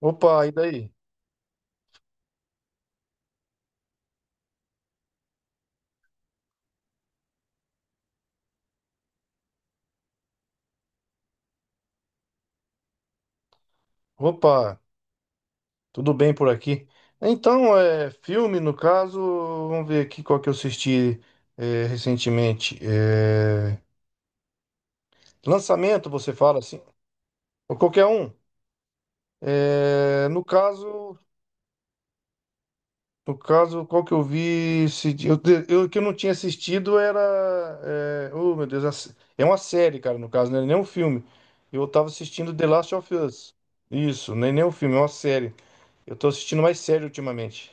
Opa, e daí? Opa, tudo bem por aqui? Então, é filme, no caso, vamos ver aqui qual que eu assisti recentemente. É, lançamento, você fala assim? Ou qualquer um. É, no caso, qual que eu vi esse dia? Eu que eu não tinha assistido era. É, oh, meu Deus, é uma série, cara, no caso, não é nem um filme. Eu tava assistindo The Last of Us. Isso, nem um filme, é uma série. Eu tô assistindo mais série ultimamente.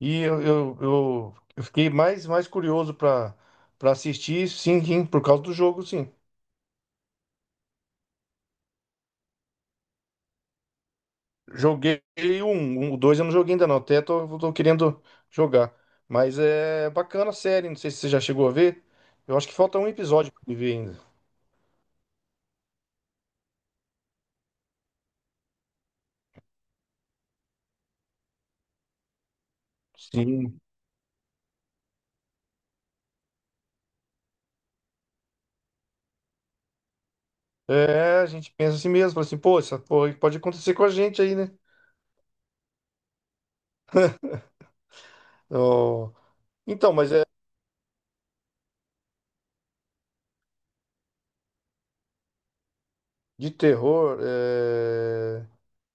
E eu fiquei mais curioso para assistir, sim, sim, por causa do jogo, sim. Joguei o um, o dois eu não joguei ainda não, até tô querendo jogar. Mas é bacana a série, não sei se você já chegou a ver. Eu acho que falta um episódio pra me ver ainda. Sim. É, a gente pensa assim mesmo, fala assim, pô, essa porra pode acontecer com a gente aí, né? Ó, então, mas é de terror,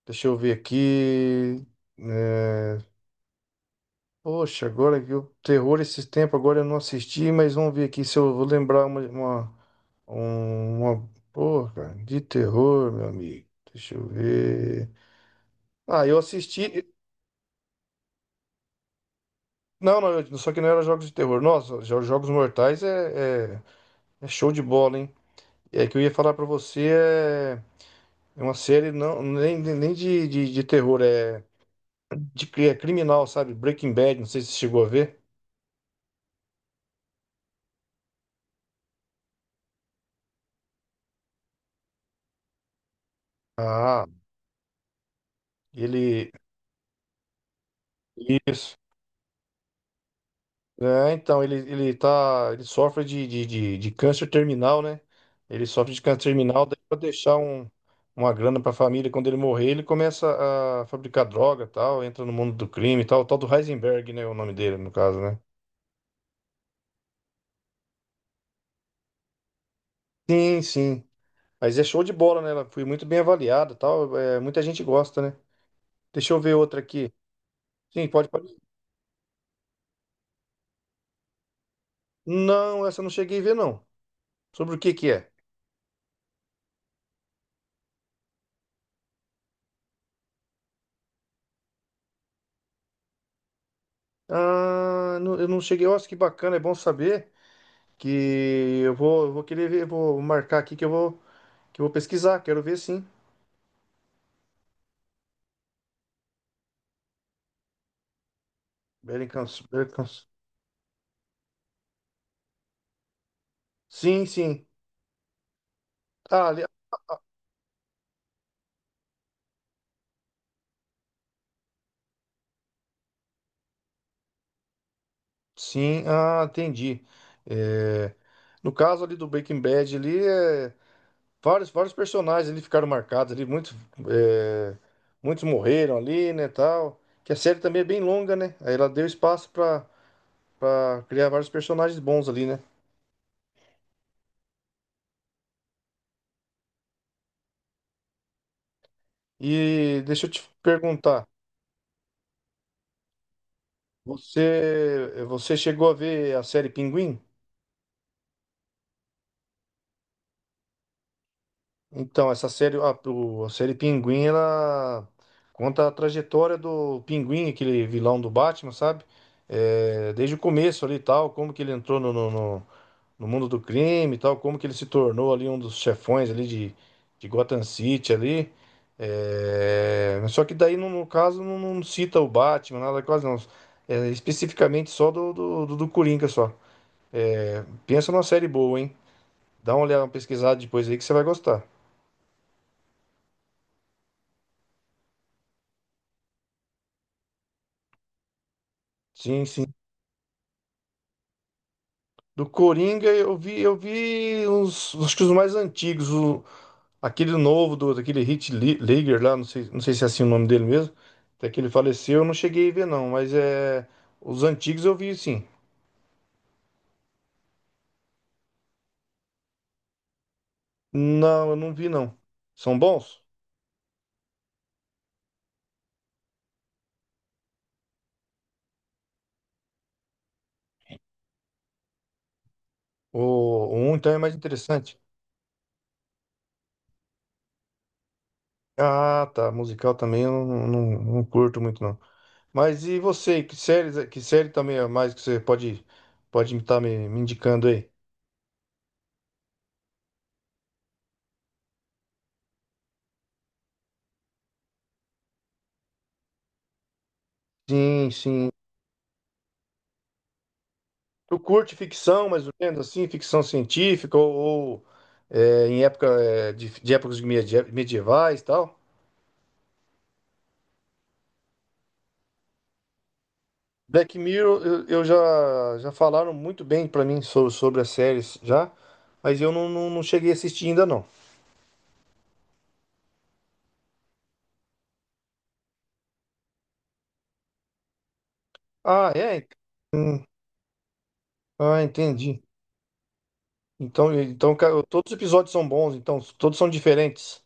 deixa eu ver aqui. é, Poxa, agora que o terror esses tempos, agora eu não assisti, mas vamos ver aqui se eu vou lembrar uma porra de terror, meu amigo. Deixa eu ver. Ah, eu assisti. Não, não, só que não era jogos de terror. Nossa, Jogos Mortais é show de bola, hein? É que eu ia falar pra você, é uma série não, nem de terror, é criminal, sabe? Breaking Bad, não sei se você chegou a ver. Ah, ele. Isso. É, então, ele tá. Ele sofre de câncer terminal, né? Ele sofre de câncer terminal, daí pra deixar uma grana pra família, quando ele morrer, ele começa a fabricar droga e tal, entra no mundo do crime e tal, o tal do Heisenberg, né? O nome dele, no caso, né? Sim, sim. Mas é show de bola, né? Ela foi muito bem avaliada e tal. Muita gente gosta, né? Deixa eu ver outra aqui. Sim, pode, pode. Não, essa eu não cheguei a ver, não. Sobre o que que é? Ah, eu não cheguei. Nossa, que bacana, é bom saber. Que eu vou querer ver, vou marcar aqui que eu vou pesquisar, quero ver sim. Bellingham, Bellingham. Sim, sim. Ah, ali, sim, ah, entendi. É, no caso ali do Breaking Bad, ali, vários personagens ali ficaram marcados ali, é, muitos morreram ali, né, tal. Que a série também é bem longa, né? Aí ela deu espaço para criar vários personagens bons ali, né? E deixa eu te perguntar, você chegou a ver a série Pinguim? Então, essa série, a série Pinguim, ela conta a trajetória do Pinguim, aquele vilão do Batman, sabe? É, desde o começo ali e tal, como que ele entrou no mundo do crime e tal, como que ele se tornou ali um dos chefões ali de Gotham City ali. É, mas só que daí, no caso, não cita o Batman, nada quase não. É, especificamente só do Coringa só. É, pensa numa série boa, hein? Dá uma olhada, uma pesquisada depois aí que você vai gostar. Sim, sim. Do Coringa eu vi, uns, acho que os mais antigos, aquele novo daquele Heath Ledger lá, não sei se é assim o nome dele mesmo, até que ele faleceu, eu não cheguei a ver não, mas é os antigos eu vi sim. Não, eu não vi não. São bons? O um então é mais interessante. Ah, tá, musical também eu não curto muito não. Mas e você, que série também é mais que você pode estar me indicando aí? Sim, sim. Tu curte ficção, mais ou menos assim, ficção científica ou, de épocas medievais e tal? Black Mirror, eu já falaram muito bem pra mim sobre as séries já, mas eu não cheguei a assistir ainda não. Ah, é? Hum, ah, entendi. Então, todos os episódios são bons, então todos são diferentes.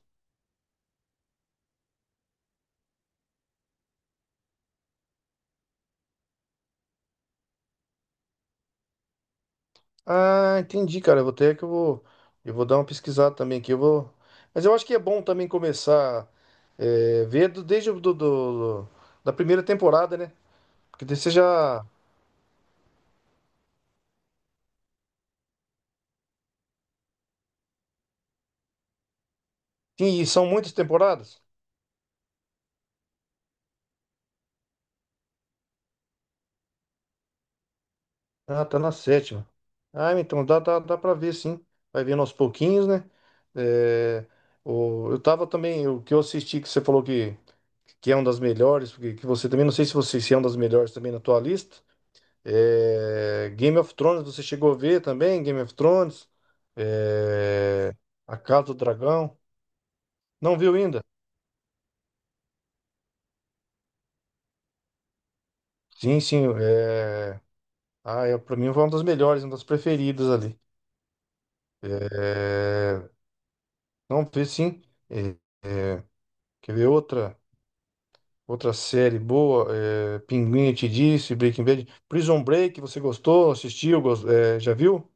Ah, entendi, cara. Eu vou ter que eu vou dar uma pesquisada também aqui. Eu vou, mas eu acho que é bom também começar ver desde da primeira temporada, né? Porque daí você já, sim, e são muitas temporadas. Ah, tá na sétima. Ah, então dá para ver, sim. Vai vendo aos pouquinhos, né? É, eu tava também o que eu assisti que você falou que é uma das melhores, porque que você também não sei se você se é uma das melhores também na tua lista. É, Game of Thrones, você chegou a ver também? Game of Thrones? É, A Casa do Dragão? Não viu ainda? Sim, sim. É... Ah, é, pra mim foi uma das melhores, uma das preferidas ali. É, Não, vi sim. É, é, Quer ver outra série boa? É... Pinguim, eu te disse, Breaking Bad. Prison Break, você gostou? Assistiu? Já viu?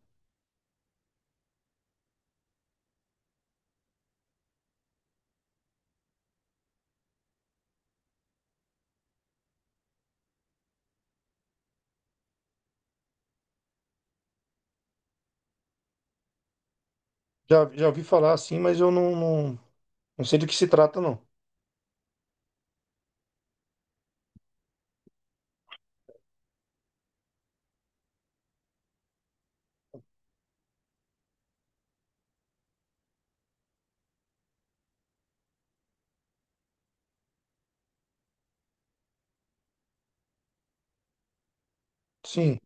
Já ouvi falar, sim, mas eu não sei do que se trata, não. Sim.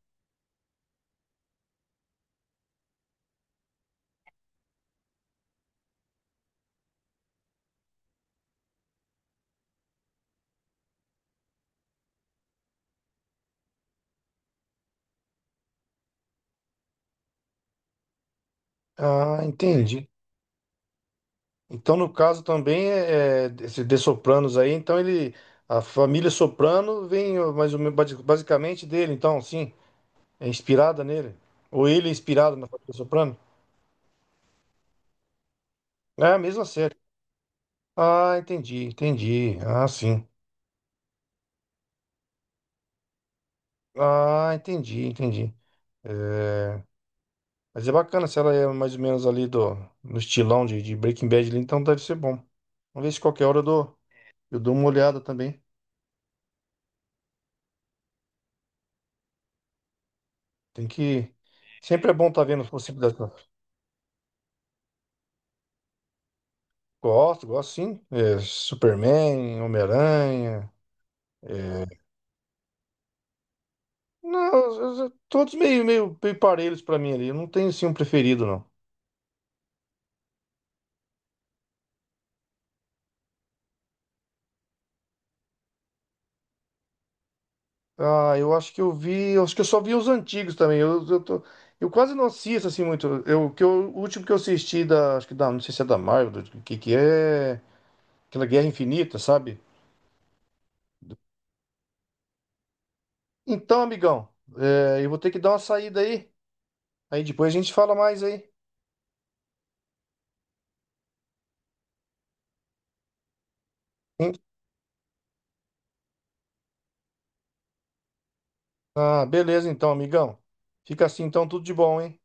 Ah, entendi. Então, no caso também, esse de Sopranos aí, então ele, a família Soprano vem ó, mais ou menos basicamente dele, então, sim, é inspirada nele. Ou ele é inspirado na família Soprano? É a mesma série. Ah, entendi, entendi. Ah, sim. Ah, entendi, entendi. É, Mas é bacana se ela é mais ou menos ali no estilão de Breaking Bad ali, então deve ser bom. Vamos ver se qualquer hora eu dou uma olhada também. Tem que. Sempre é bom estar vendo as possibilidades. Gosto, gosto sim. É, Superman, Homem-Aranha. é, Não, todos meio parelhos pra mim ali. Eu não tenho assim um preferido, não. Ah, eu acho que eu vi. Eu acho que eu só vi os antigos também. Eu quase não assisto assim muito. O último que eu assisti da. Acho que da. Não sei se é da Marvel, do que é. Aquela Guerra Infinita, sabe? Então, amigão, eu vou ter que dar uma saída aí. Aí depois a gente fala mais aí. Hein? Ah, beleza então, amigão. Fica assim então, tudo de bom, hein?